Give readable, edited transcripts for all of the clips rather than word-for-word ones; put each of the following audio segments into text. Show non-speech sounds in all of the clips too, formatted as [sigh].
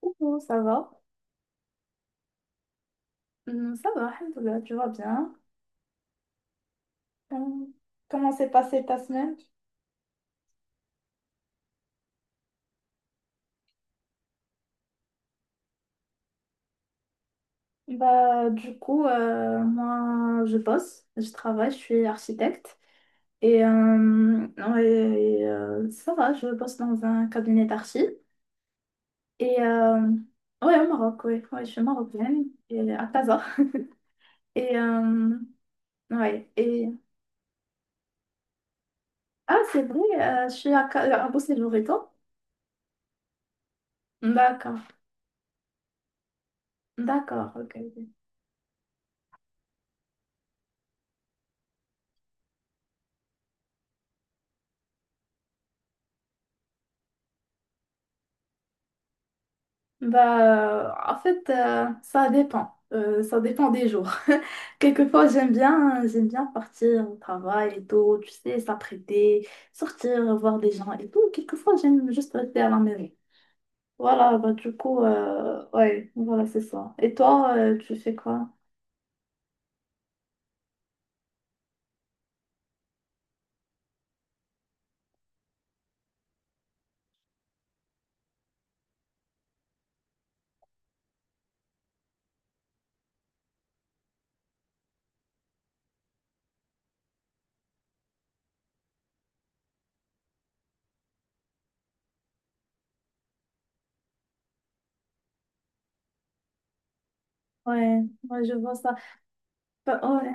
Coucou, ça va? Ça va, alhamdoulilah, tu vas bien? Hum, Comment s'est passée ta semaine? Bah, du coup, moi, je bosse, je travaille, je suis architecte. Et, ouais, et, ça va, je bosse dans un cabinet d'archi. Et ouais, au Maroc, ouais, ouais, je suis marocaine, et à Casa. Et ouais, et ah, c'est vrai, je suis à, à Boussélour, et toi? D'accord, d'accord, ok. Bah, en fait, ça dépend. Ça dépend des jours. [laughs] Quelquefois, j'aime bien partir au travail et tout, tu sais, s'apprêter, sortir, voir des gens et tout. Quelquefois, j'aime juste rester à la maison. Voilà, bah, du coup, ouais, voilà, c'est ça. Et toi, tu fais quoi? Ouais, ouais, je vois ça. Bah, ouais,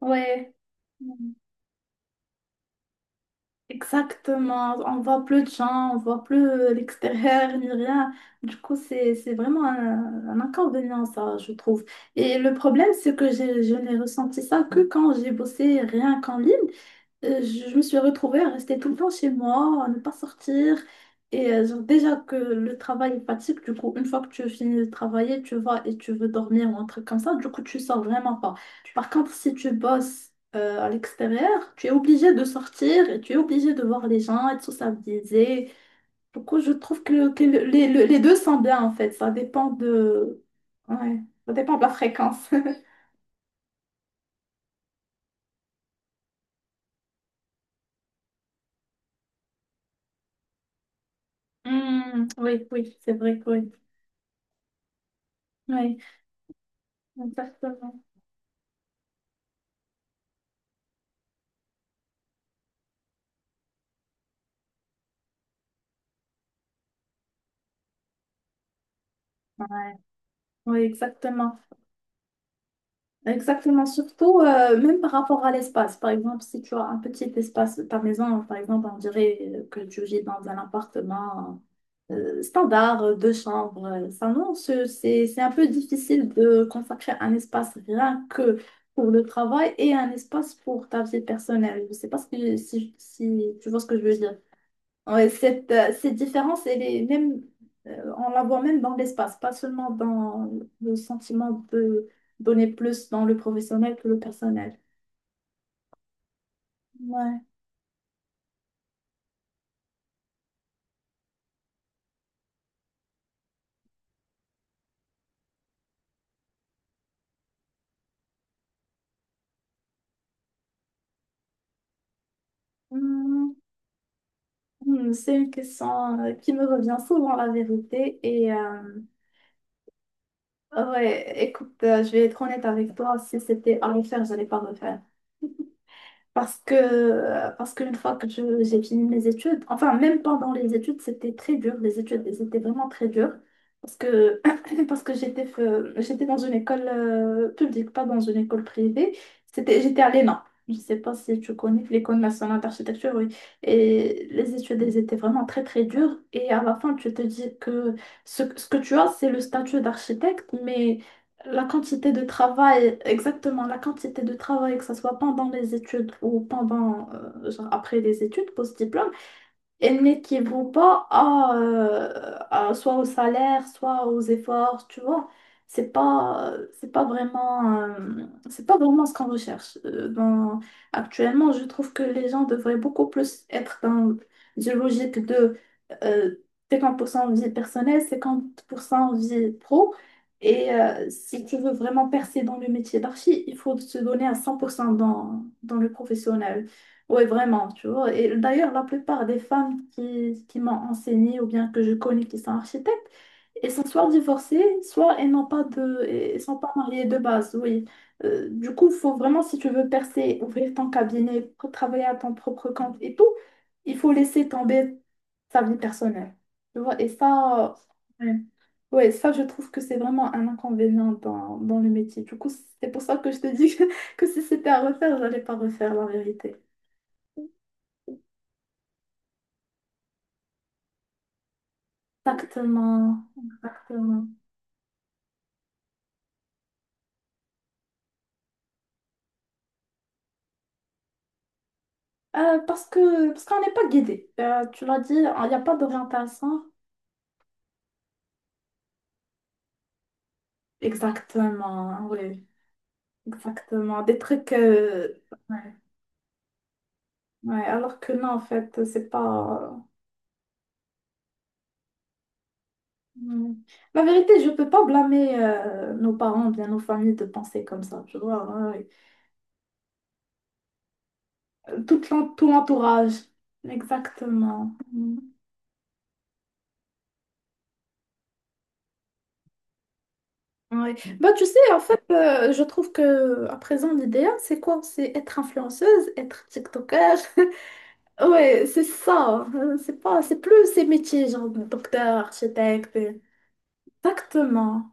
ouais. Exactement, on voit plus de gens, on voit plus l'extérieur ni rien. Du coup, c'est vraiment un inconvénient, ça, je trouve. Et le problème, c'est que je n'ai ressenti ça que quand j'ai bossé rien qu'en ligne. Je me suis retrouvée à rester tout le temps chez moi, à ne pas sortir. Et genre, déjà que le travail est fatigue, du coup, une fois que tu finis de travailler, tu vas et tu veux dormir ou un truc comme ça, du coup, tu sors vraiment pas. Par contre, si tu bosses à l'extérieur, tu es obligé de sortir et tu es obligé de voir les gens et de sociabiliser. Du coup, je trouve que, que les deux sont bien en fait. Ça dépend de... Ouais, ça dépend de la fréquence. [laughs] Hmm, oui, oui, c'est vrai que oui. Oui, exactement. Oui, exactement. Exactement. Surtout, même par rapport à l'espace. Par exemple, si tu as un petit espace, ta maison, par exemple, on dirait que tu vis dans un appartement standard, deux chambres, ça, non c'est un peu difficile de consacrer un espace rien que pour le travail et un espace pour ta vie personnelle. Je ne sais pas si tu vois ce que je veux dire. Ouais, cette différence, elle est même, on la voit même dans l'espace, pas seulement dans le sentiment de donner plus dans le professionnel que le personnel. Ouais. Hmm, c'est une question qui me revient souvent, la vérité. Et ouais, écoute, je vais être honnête avec toi, si c'était à refaire, je n'allais pas refaire. Parce qu'une fois que j'ai fini mes études, enfin, même pendant les études, c'était très dur. Les études, elles étaient vraiment très dures. Parce que, [coughs] [clears throat] parce que j'étais dans une école publique, pas dans une école privée. C'était, j'étais à l'ENA. Je ne sais pas si tu connais l'École nationale d'architecture, oui. Et les études, elles étaient très dures. Et à la fin, tu te dis que ce que tu as, c'est le statut d'architecte, mais la quantité de travail, exactement, la quantité de travail, que ce soit pendant les études ou pendant, genre après les études, post-diplôme, elles n'équivaut pas à, soit au salaire, soit aux efforts, tu vois. C'est pas vraiment ce qu'on recherche. Actuellement, je trouve que les gens devraient beaucoup plus être dans une logique de euh, 50% vie personnelle, 50% vie pro. Et si tu veux vraiment percer dans le métier d'archi, il faut se donner à 100% dans, dans le professionnel. Oui, vraiment, tu vois. Et d'ailleurs, la plupart des femmes qui m'ont enseigné ou bien que je connais qui sont architectes, elles sont soit divorcées, soit elles n'ont pas de, elles sont pas mariées de base, oui. Du coup, il faut vraiment, si tu veux percer, ouvrir ton cabinet, travailler à ton propre compte et tout, il faut laisser tomber sa vie personnelle. Tu vois, et ça, ouais. Ouais, ça, je trouve que c'est vraiment un inconvénient dans, dans le métier. Du coup, c'est pour ça que je te dis que, [laughs] que si c'était à refaire, j'allais pas refaire la vérité. Exactement, exactement. Parce qu'on n'est pas guidé. Tu l'as dit, il n'y a pas d'orientation. Exactement, oui, exactement. Des trucs. Ouais. Ouais, alors que non, en fait, c'est pas. Ouais. La vérité, je peux pas blâmer nos parents, bien nos familles de penser comme ça, tu vois. Ouais, ouais. Tout tout l'entourage. Exactement. Hmm. Ouais. Bah, tu sais, en fait, je trouve que à présent, l'idéal, c'est quoi? C'est être influenceuse, être TikToker. [laughs] Ouais, c'est ça. C'est pas, c'est plus ces métiers, genre docteur, architecte. Exactement.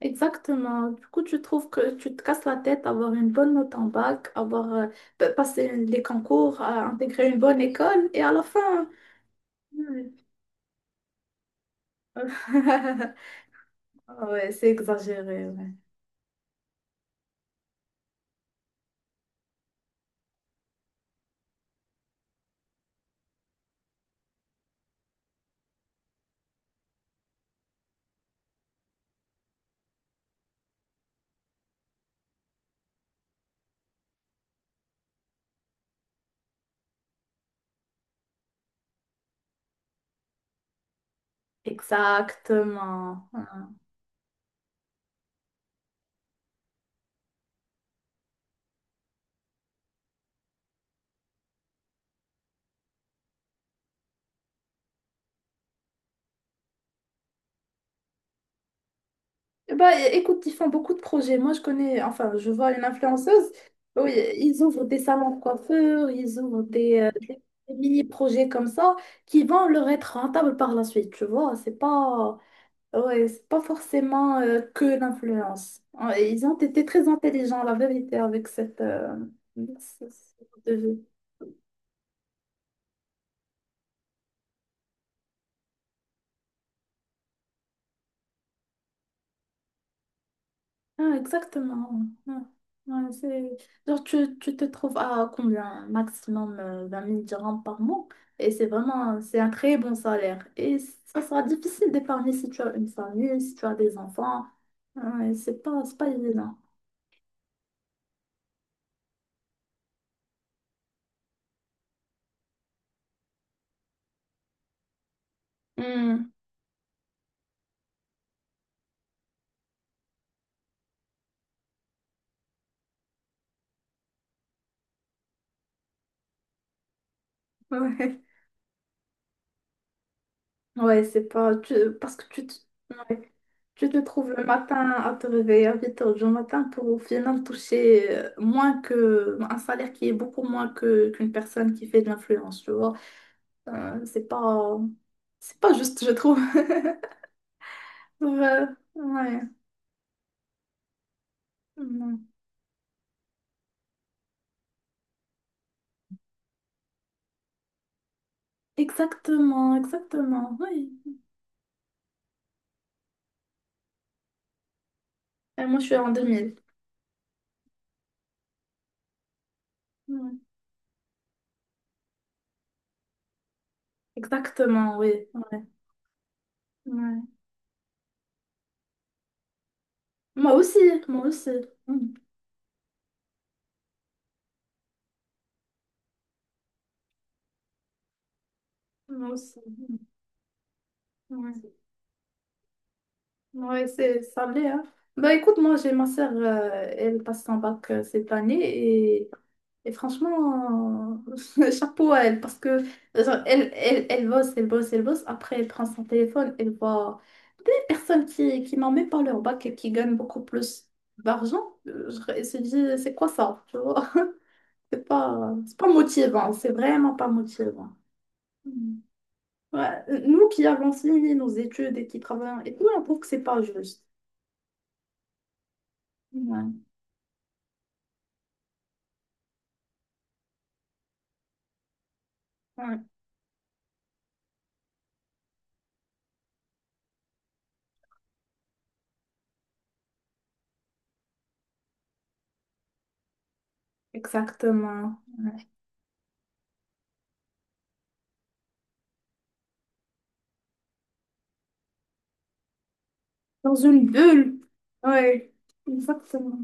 Exactement. Du coup, tu trouves que tu te casses la tête, avoir une bonne note en bac, avoir passé les concours, à intégrer une bonne école, et à la fin. Ouais, [laughs] ouais, c'est exagéré. Ouais. Exactement. Bah, écoute, ils font beaucoup de projets. Moi, je connais, enfin, je vois une influenceuse. Oui, ils ouvrent des salons de coiffure, ils ouvrent mini-projets comme ça qui vont leur être rentables par la suite, tu vois. C'est pas, ouais, c'est pas forcément que l'influence. Ouais, ils ont été très intelligents, la vérité, avec cette, ce- ce- de- ah, exactement. Ouais. Ouais, c'est... Genre, tu te trouves à combien? Maximum 20 000 dirhams par mois. Et c'est vraiment, c'est un très bon salaire. Et ça sera difficile d'épargner si tu as une famille, si tu as des enfants. Ouais, c'est pas évident. Hmm, [laughs] ouais, ouais, c'est pas... parce que tu te... ouais. Tu te trouves le matin à te réveiller à 8 heures du matin pour au final toucher moins que un salaire qui est beaucoup moins que qu'une personne qui fait de l'influence, tu vois. Euh, c'est pas... C'est pas juste, je trouve. [laughs] Ouais, ouais. Non. Exactement, exactement, oui. Et moi, je suis en 2000. Ouais. Exactement, oui. Ouais, ouais. Moi aussi, moi aussi. Mm. Moi aussi. Ouais, ouais, c'est ça l'est, hein. Bah écoute, moi, j'ai ma sœur, elle passe son bac cette année et, et franchement, [laughs] chapeau à elle parce que genre, elle bosse, elle bosse, elle bosse. Après, elle prend son téléphone, elle voit personne qui n'en met pas leur bac et qui gagne beaucoup plus d'argent, je se dis, c'est quoi ça? Tu vois? C'est pas motivant, c'est vraiment pas motivant. Mm. Ouais, nous qui avons fini nos études et qui travaillons et tout, on trouve que c'est pas juste. Ouais, ouais, exactement. Dans une bulle. Ouais, exactement.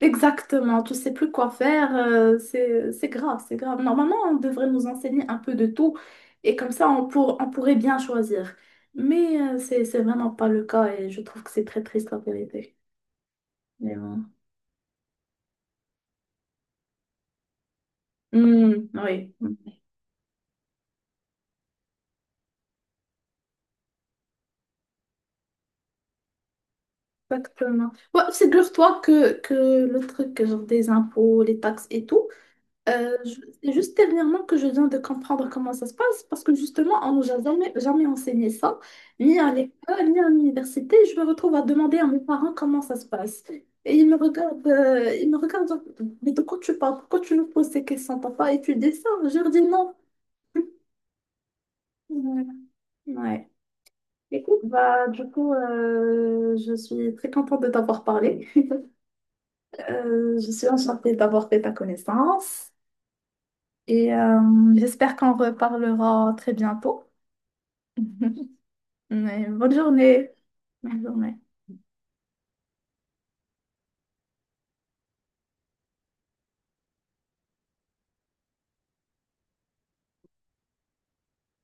Exactement, tu sais plus quoi faire, c'est grave, c'est grave. Normalement, on devrait nous enseigner un peu de tout et comme ça, on pourrait bien choisir. Mais c'est vraiment pas le cas et je trouve que c'est très triste la vérité. Mais bon. Hmm, oui, exactement. Ouais, figure-toi que le truc genre des impôts, les taxes et tout. C'est juste dernièrement que je viens de comprendre comment ça se passe parce que justement, on nous a jamais enseigné ça, ni à l'école, ni à l'université. Je me retrouve à demander à mes parents comment ça se passe. Et ils me regardent, genre, mais de quoi tu parles? Pourquoi tu nous poses ces questions? T'as pas étudié ça? Je leur dis non. [laughs] Ouais. Ouais. Écoute, bah, du coup, je suis très contente de t'avoir parlé. [laughs] Je suis enchantée d'avoir fait ta connaissance et j'espère qu'on reparlera très bientôt. [laughs] Ouais, bonne journée. Bonne journée.